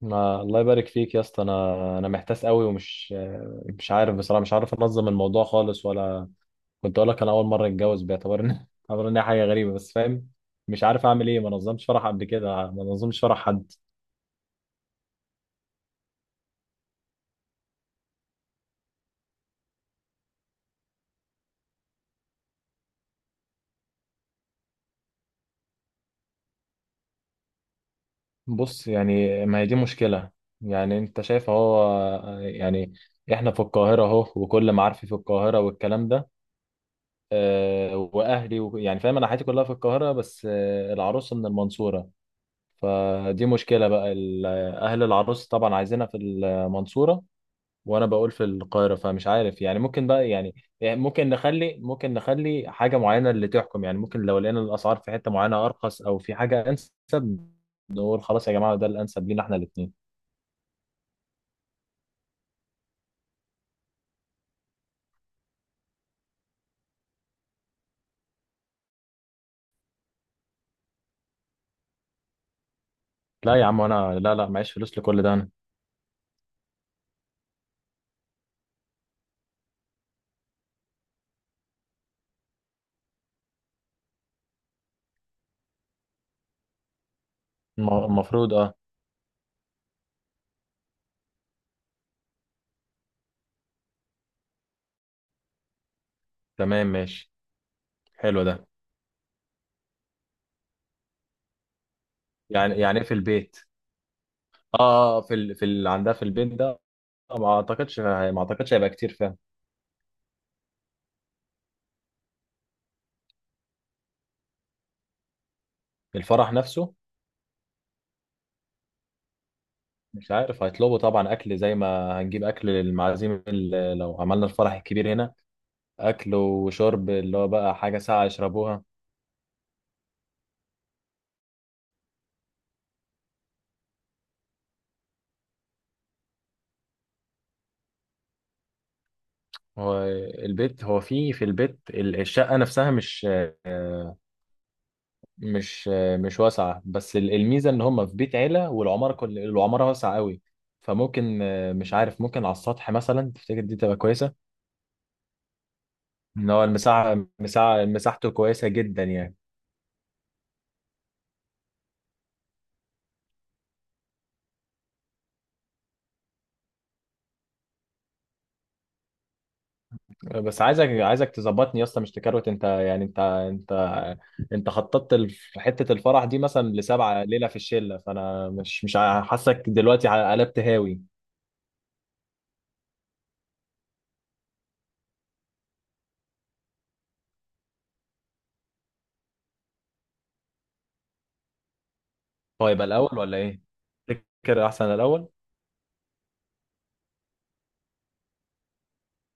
ما الله يبارك فيك يا اسطى. انا محتاس قوي ومش مش عارف بصراحه. مش عارف انظم الموضوع خالص. ولا كنت اقول لك انا اول مره اتجوز باعتبار ان باعتبار ان هي حاجه غريبه بس فاهم. مش عارف اعمل ايه. ما نظمتش فرح قبل كده، ما نظمتش فرح حد. بص، يعني ما هي دي مشكله. يعني انت شايف اهو. يعني احنا في القاهره اهو وكل معارفي في القاهره والكلام ده. آه، واهلي يعني فاهم انا حياتي كلها في القاهره. بس العروسه من المنصوره. فدي مشكلة بقى أهل العروس طبعا عايزينها في المنصورة. وأنا بقول في القاهرة، فمش عارف يعني ممكن بقى يعني ممكن نخلي حاجة معينة اللي تحكم، يعني ممكن لو لقينا الأسعار في حتة معينة أرخص أو في حاجة أنسب نقول خلاص يا جماعة ده الأنسب لينا إحنا الاتنين. لا يا عم، أنا لا لا معيش فلوس لكل ده، أنا المفروض أه. تمام ماشي. حلو ده. يعني إيه في البيت؟ أه، في في اللي عندها في البيت ده. ما أعتقدش هيبقى كتير، فاهم. الفرح نفسه. مش عارف هيطلبوا طبعا اكل زي ما هنجيب اكل للمعازيم اللي لو عملنا الفرح الكبير هنا. اكل وشرب اللي هو بقى حاجه ساقعه يشربوها. هو البيت، هو في البيت الشقه نفسها آه، مش واسعه، بس الميزه ان هم في بيت عيله والعماره كل العماره واسعه قوي. فممكن مش عارف، ممكن على السطح مثلا تفتكر دي تبقى كويسه؟ ان هو المساحه مساحه مساحته كويسه جدا يعني. بس عايزك تظبطني يا اسطى، مش تكروت انت يعني انت. انت خططت حته الفرح دي مثلا لسبعه ليله في الشله، فانا مش حاسك دلوقتي قلبت هاوي. هو يبقى الاول ولا ايه؟ تفتكر احسن الاول؟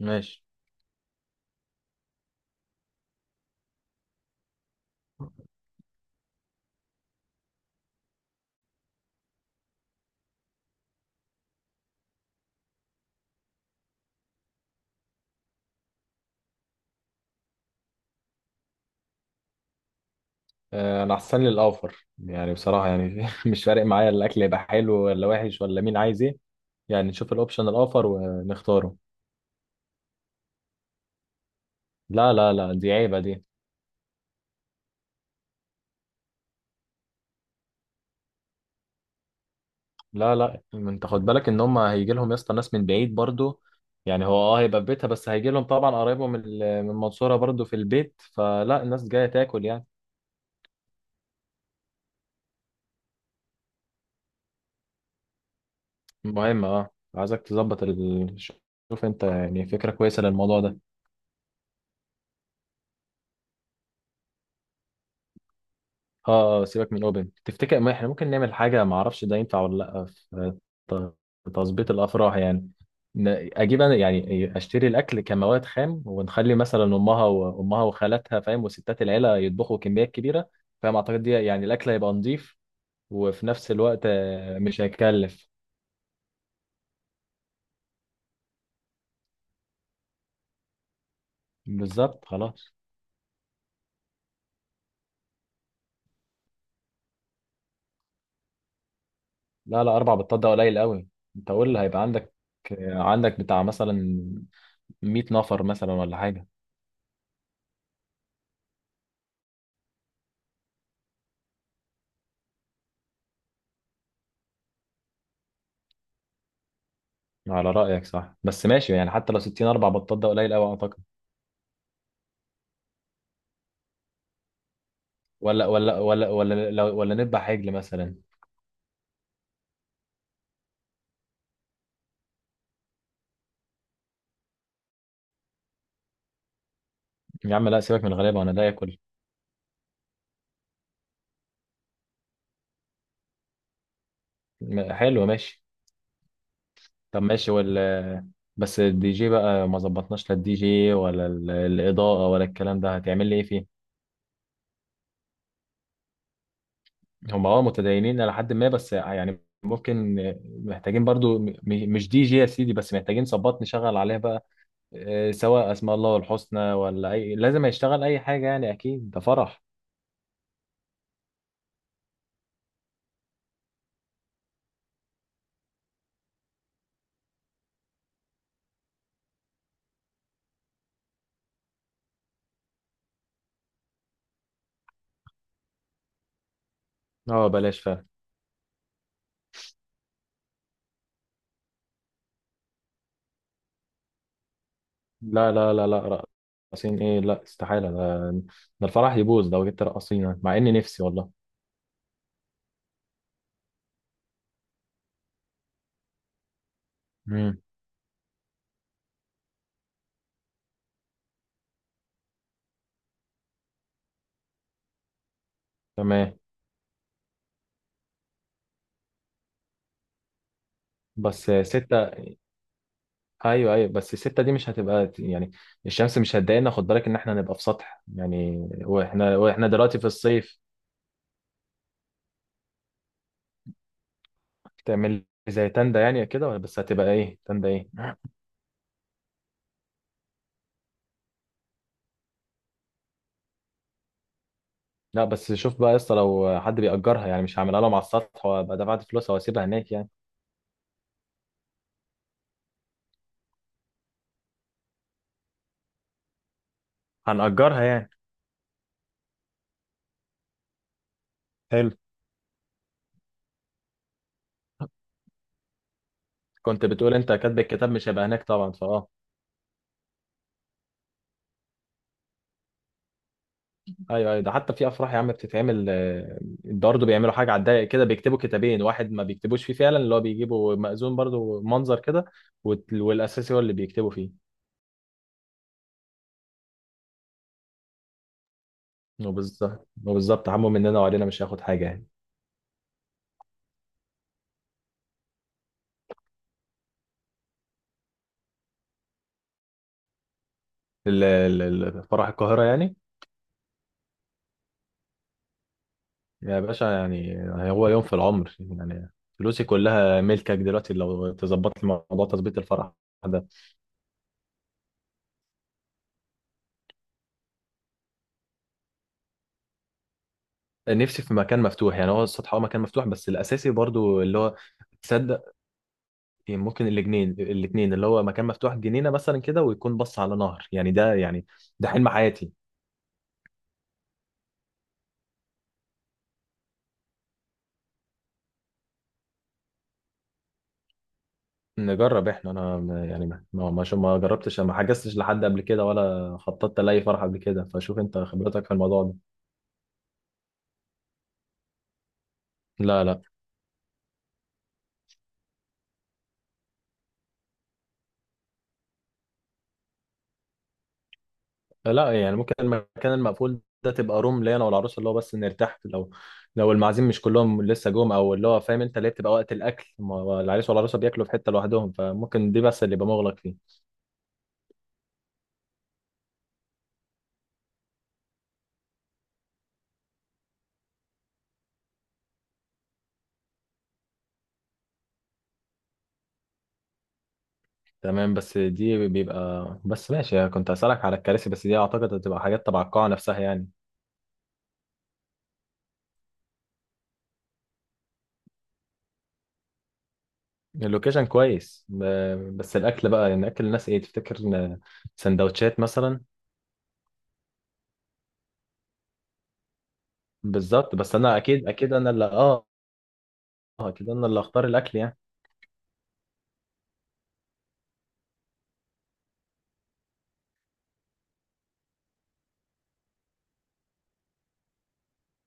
ماشي. آه، انا احسن لي الاوفر يعني بصراحه، يعني مش فارق معايا الاكل يبقى حلو ولا وحش ولا مين عايز ايه. يعني نشوف الاوبشن الاوفر ونختاره. لا لا لا، دي عيبه دي. لا لا، انت خد بالك ان هم هيجي لهم يا اسطى ناس من بعيد برضو. يعني هو هيبقى في بيتها بس هيجي لهم طبعا قرايبهم من المنصوره برضو في البيت، فلا الناس جايه تاكل يعني. مهم اه، عايزك تظبط شوف انت، يعني فكره كويسه للموضوع ده. اه اه، سيبك من اوبن. تفتكر ما احنا ممكن نعمل حاجه ما اعرفش ده ينفع ولا لا في ت- في تظبيط الافراح يعني. اجيب انا يعني اشتري الاكل كمواد خام ونخلي مثلا امها وامها وخالاتها، فاهم، وستات العيله يطبخوا كميات كبيره. فاهم، اعتقد دي يعني الاكل هيبقى نظيف، وفي نفس الوقت مش هيكلف. بالظبط خلاص. لا لا، اربع بطات ده قليل قوي. انت قول هيبقى عندك بتاع مثلا 100 نفر مثلا ولا حاجه. على رأيك صح بس ماشي يعني، حتى لو 60 اربع بطات ده قليل قوي اعتقد. ولا نذبح عجل مثلا. يا عم لا، سيبك من الغلابة وانا ده اكل. حلو ماشي. طب ماشي بس الدي جي بقى ما ظبطناش، لا الدي جي ولا الإضاءة ولا الكلام ده، هتعمل لي ايه فيه؟ هم متدينين إلى حد ما، بس يعني ممكن. محتاجين برضو مش دي جي يا سيدي، بس محتاجين صبات نشغل عليها بقى. سواء اسماء الله الحسنى ولا اي، لازم هيشتغل اي حاجة يعني، اكيد ده فرح. اه، بلاش فعلا. لا لا لا لا. رقصين ايه، لا استحالة ده. ده الفرح يبوظ لو جبت رقاصين، مع اني نفسي والله. امم تمام، بس 6. ايوه ايوه، بس الستة دي مش هتبقى يعني الشمس مش هتضايقنا، خد بالك ان احنا نبقى في سطح يعني. واحنا دلوقتي في الصيف. تعمل لي زي تندة يعني كده، ولا بس هتبقى ايه تندة ايه؟ لا بس شوف بقى يا اسطى لو حد بيأجرها، يعني مش هعملها لهم على السطح وابقى دفعت فلوسها واسيبها هناك يعني. هنأجرها يعني. حلو. كنت بتقول انت كاتب الكتاب مش هيبقى هناك طبعا، ايوه ايوه، ده حتى في افراح يا عم بتتعمل برضه بيعملوا حاجه على الضيق كده، بيكتبوا كتابين واحد ما بيكتبوش فيه فعلا، اللي هو بيجيبوا مأذون برضه منظر كده، والاساسي هو اللي بيكتبوا فيه. وبالظبط وبالظبط، عمو مننا وعلينا مش هياخد حاجه يعني. فرح القاهره يعني. يا باشا يعني، هو يوم في العمر يعني، فلوسي كلها ملكك دلوقتي لو تظبط لي موضوع تظبيط الفرح ده. نفسي في مكان مفتوح، يعني هو السطح هو مكان مفتوح بس الاساسي برضه اللي هو تصدق. يعني ممكن الاثنين اللي هو مكان مفتوح جنينه مثلا كده ويكون بص على نهر، يعني ده يعني ده حلم حياتي. نجرب احنا، انا ما جربتش ما حجزتش لحد قبل كده ولا خططت لاي فرح قبل كده، فشوف انت خبرتك في الموضوع ده. لا لا لا، يعني ممكن المكان المقفول ده تبقى روم ليا انا والعروسه اللي هو بس نرتاح لو لو المعازيم مش كلهم لسه جم، او اللي هو فاهم انت اللي هي بتبقى وقت الاكل ما هو العريس والعروسه بياكلوا في حته لوحدهم، فممكن دي بس اللي يبقى مغلق فيه. تمام بس دي بيبقى، بس ماشي، كنت هسألك على الكراسي بس دي أعتقد هتبقى حاجات تبع القاعة نفسها يعني. اللوكيشن كويس، بس الأكل بقى، يعني أكل الناس إيه تفتكر إن سندوتشات مثلا؟ بالظبط، بس أنا أكيد أكيد أنا اللي أكيد أنا اللي هختار الأكل يعني.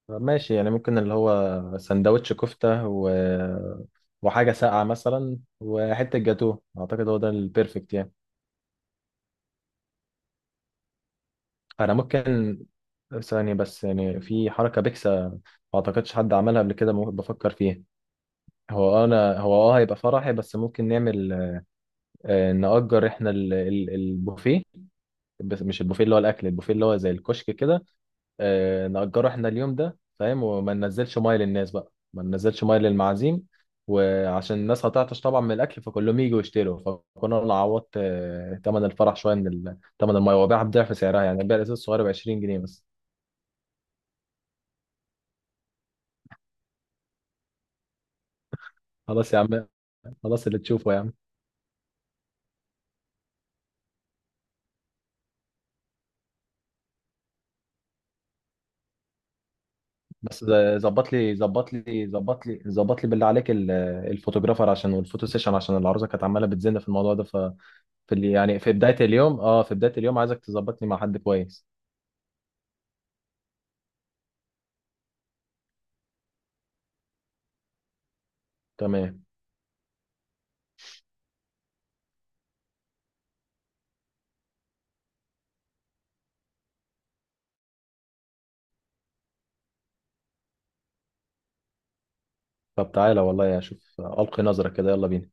طب ماشي، يعني ممكن اللي هو سندوتش كفتة و... وحاجة ساقعة مثلا وحتة جاتوه، أعتقد هو ده البيرفكت يعني. انا ممكن ثانية بس، يعني في حركة بيكسا ما اعتقدش حد عملها قبل كده، ممكن بفكر فيها. هو انا هو اه هيبقى فرحي، بس ممكن نعمل نأجر احنا البوفيه. بس مش البوفيه اللي هو الاكل، البوفيه اللي هو زي الكشك كده. نأجره احنا اليوم ده، فاهم، وما ننزلش ميه للناس بقى ما ننزلش ميه للمعازيم. وعشان الناس هتعطش طبعا من الاكل فكلهم يجوا يشتروا. فكنا انا عوضت تمن الفرح شويه من تمن الميه، وبيعها بضعف سعرها، يعني البيع الازاز الصغير ب 20 جنيه بس. خلاص يا عم. خلاص اللي تشوفه يا عم. بس ظبط لي ظبط لي ظبط لي ظبط لي بالله عليك الفوتوغرافر عشان والفوتو سيشن عشان العروسه كانت عماله بتزن في الموضوع ده في اللي يعني في بدايه اليوم اه في بدايه اليوم، عايزك تظبطني مع حد كويس. تمام. طب تعالى والله اشوف القي نظره كده، يلا بينا.